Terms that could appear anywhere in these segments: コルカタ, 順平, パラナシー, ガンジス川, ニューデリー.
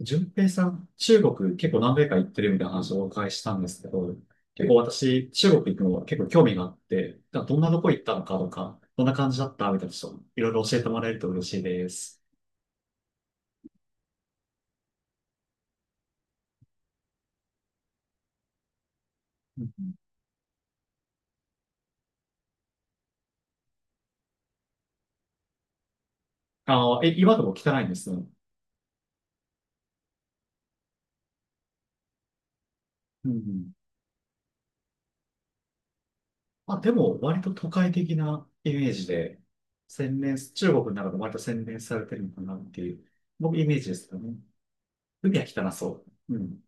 順平さん、中国結構何回か行ってるみたいな話をお伺いしたんですけど、結構私、中国行くのは結構興味があって、だからどんなとこ行ったのかとか、どんな感じだったみたいな人、ちょっといろいろ教えてもらえると嬉しいです。うんうん。ああ、え、今でも汚いんですね。うんうん。あ、でも割と都会的なイメージで、洗練、中国の中で割と洗練されてるのかなっていう、僕イメージですよね。海は汚そう。うん。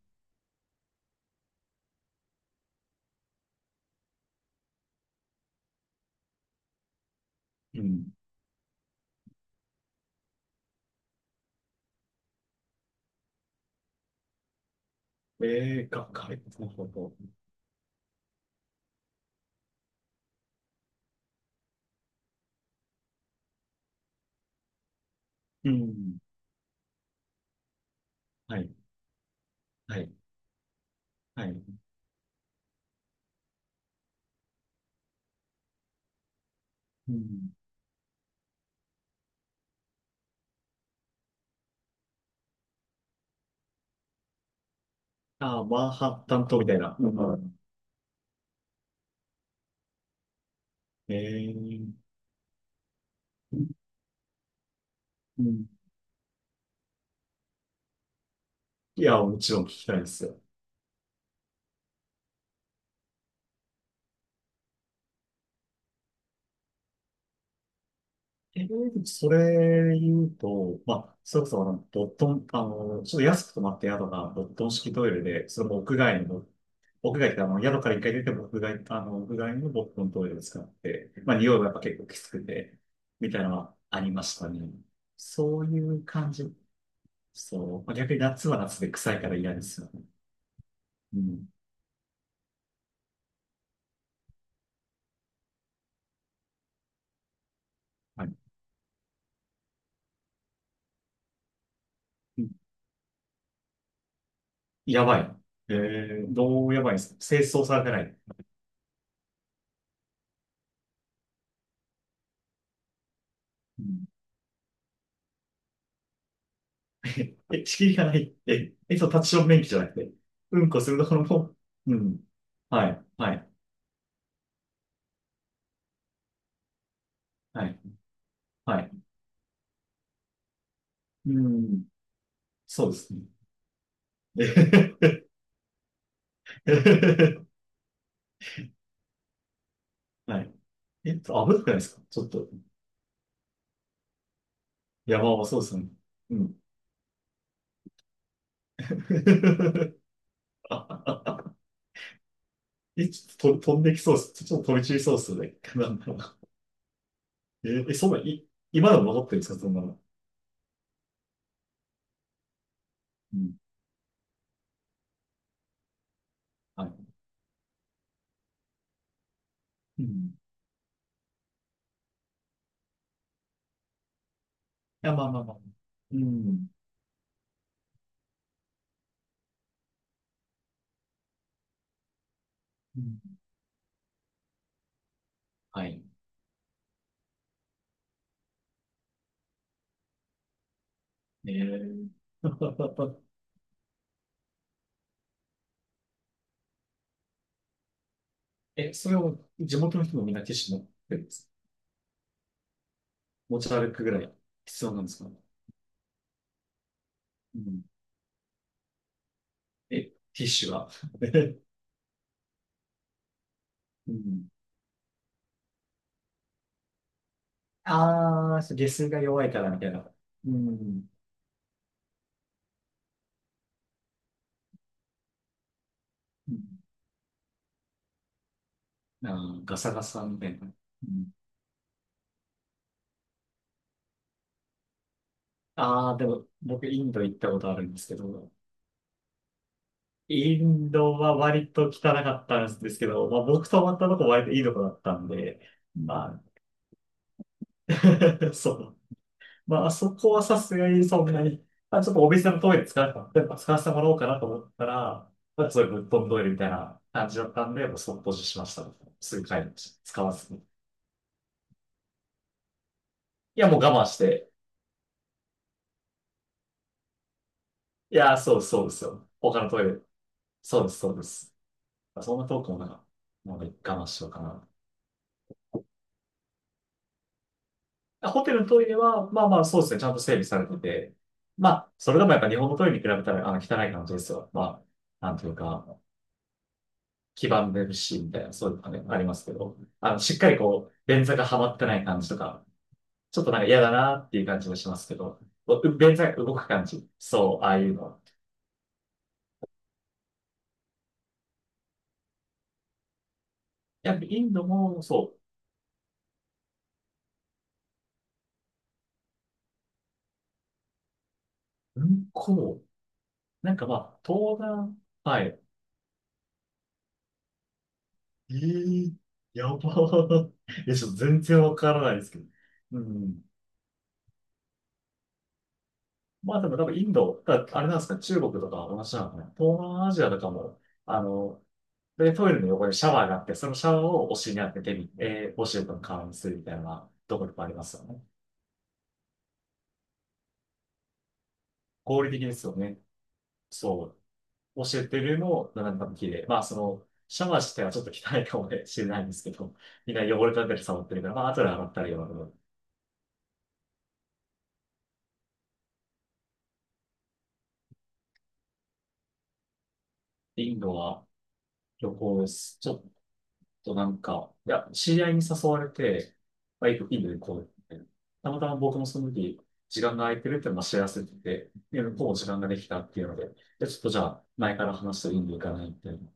うん。ええが、外国の方と。うん。はい。はい。はい。うん、ああ、マンハッタン島みたいな。うん。ええ。うん。いや、もちろん聞きたいですよ。それ言うと、まあ、それこそボットン、ちょっと安く泊まった宿がボットン式トイレで、それも屋外の、屋外って宿から1回出ても屋外、屋外のボットントイレを使って、まあ、匂いがやっぱ結構きつくて、みたいなのはありましたね。そういう感じ。そう。まあ逆に夏は夏で臭いから嫌ですよね。うん。はい。やばい。えどうやばいんですか？清掃されてない。うん。 え、仕切りがない。え、え、そう、立ちション便器じゃなくて。うんこするところも、うん。はい、はい、はい、はい。うん、そうですね。えへへへへ。はい。危なくないですかちょっと、山はそうですね。うん。え、ちょっとと飛んできそうです。ちょっと飛び散りそうですよね。なんだろう。え、えそんな、い、今でも残ってるんですかそんなの。うん。はい。うん。や、まあまあまあ。うん。うん。はい。えー、え、それを地元の人もみんなティッシュ持ってるんですか？持ち歩くぐらい必要なんですか？うん。え、ティッシュは うん。ああ、そう下水が弱いからみたいな。うん。うん。あー、ガサガサみたいな。うん。ああ、でも、僕、インド行ったことあるんですけど、インドは割と汚かったんですけど、まあ、僕泊まったとこ割といいとこだったんで、まあ、そう。まあ、あそこはさすがにそんなに、あ、ちょっとお店のトイレ使わせて、やっぱ使わせてもらおうかなと思ったら、まあ、そういうぶっ飛んトイレみたいな感じだったんで、もうそっと閉じしました。すぐ帰りました。使わずに。いや、もう我慢して。いや、そうです、そうですよ。他のトイレ。そうです、そうです。まあそんな遠くもなんか、もう我慢しようかな。ホテルのトイレは、まあまあそうですね、ちゃんと整備されてて、まあ、それでもやっぱ日本のトイレに比べたら、汚い感じですよ。まあ、なんというか、黄ばんでるし、みたいな、そういうのがねありますけど、しっかりこう、便座がはまってない感じとか、ちょっとなんか嫌だなっていう感じもしますけど、う便座が動く感じ。そう、ああいうのは。いや、インドも、そう、うんこ、なんかまあ、東南、はい。えー、やばー。え、ちょっと全然わからないですけど。うん。まあでも多分インド、だあれなんですか、中国とか同じなのかな。東南アジアとかも、あの、で、トイレの横にシャワーがあって、そのシャワーをお尻に当ててみ、お尻との顔にするみたいなところもありますよね。合理的ですよね。そう。教えてるのも、なんか綺麗。まあ、その、シャワー自体はちょっと汚いかもしれないんですけど、みんな汚れたり触ってるから、まあ、後で洗ったりは、インドは旅行です。ちょっととなんか、いや、知り合いに誘われて、まあ、インドでこう、たまたま僕もその時、時間が空いてるっていうのは知らせてて、で、向こうも時間ができたっていうので、で、ちょっとじゃあ、前から話してインド行かないみたいな。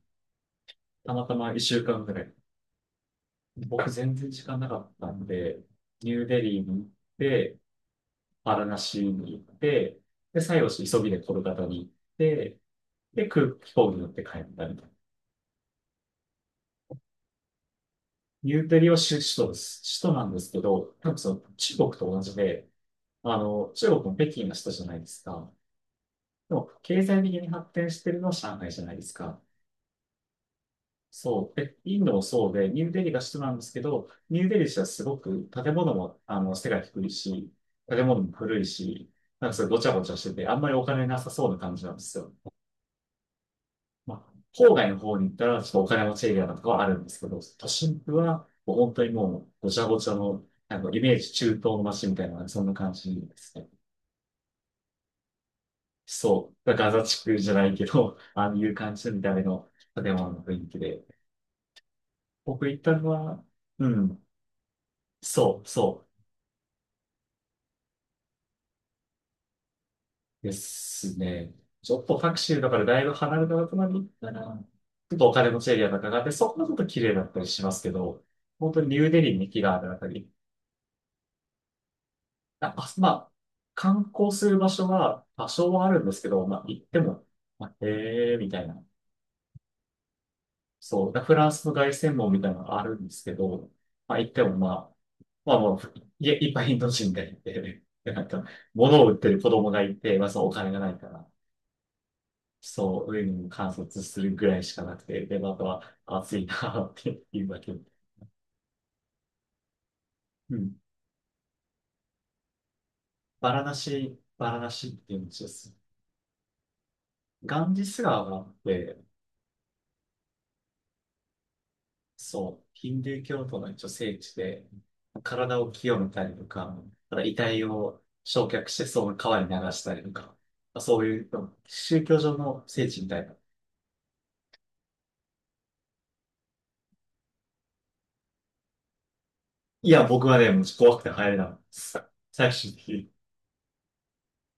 たまたま1週間ぐらい。僕全然時間なかったんで、ニューデリーに行って、パラナシーに行って、で、最後、急ぎでコルカタに行って、で、空飛行機に乗って帰ったみたいな。ニューデリーは首都です。首都なんですけど、多分その中国と同じで、中国も北京の首都じゃないですか。でも、経済的に発展してるのは上海じゃないですか。そう。え、インドもそうで、ニューデリーが首都なんですけど、ニューデリー自体はすごく建物も、背が低いし、建物も古いし、なんかそれごちゃごちゃしてて、あんまりお金なさそうな感じなんですよ。まあ、郊外の方に行ったら、ちょっとお金持ちエリアとかはあるんですけど、都心部は、もう本当にもう、ごちゃごちゃの、なんかイメージ中東の街みたいな、そんな感じですね。そう。ガザ地区じゃないけど、ああいう感じの見た目の建物の雰囲気で。僕行ったのは、うん、そう、そうですね。ちょっとタクシーだからだいぶ離れたとこまで行ったら、ちょっとお金持ちエリアとかがあって、そこはちょっと綺麗だったりしますけど、本当にニューデリーに木があるあたり、なんか、まあ、観光する場所は多少はあるんですけど、まあ、行っても、まあ、へえ、みたいな。そう、だフランスの凱旋門みたいなのがあるんですけど、まあ、行ってもまあ、まあもう、いいっぱいインド人がいて、でなんか、物を売ってる子供がいて、まあ、そのお金がないから、そう、上に観察するぐらいしかなくて、で、まああとは暑いなっていうだけ。うん。バラナシ、バラナシっていうんですよ。ガンジス川があって、そう、ヒンドゥー教徒の一応聖地で、体を清めたりとか、ただ遺体を焼却してその川に流したりとか、そういう宗教上の聖地みたいな。いや、僕はね、もう怖くて入れないです。最終的に。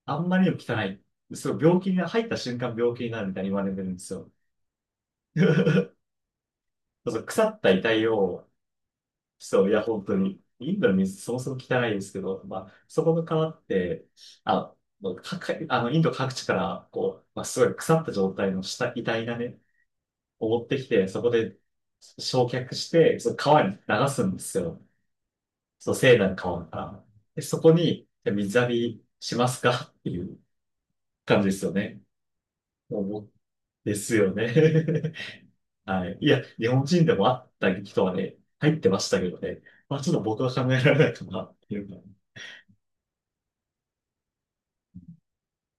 あんまりにも汚い。そう病気に入った瞬間病気になるみたいに言われてるんですよ。そう腐った遺体を、そう、いや、本当に。インドの水そもそも汚いですけど、まあ、そこが変わって、あ、もうかかインド各地から、こう、まあ、すごい腐った状態の下、遺体がね、を持ってきて、そこで焼却して、その川に流すんですよ。そう、聖なる川から。で、そこに、じゃあ水浴びしますか？っていう感じですよね。もうですよね。はい。いや、日本人でもあった人はね、入ってましたけどね。まあ、ちょっと僕は考えられないかなっていうか。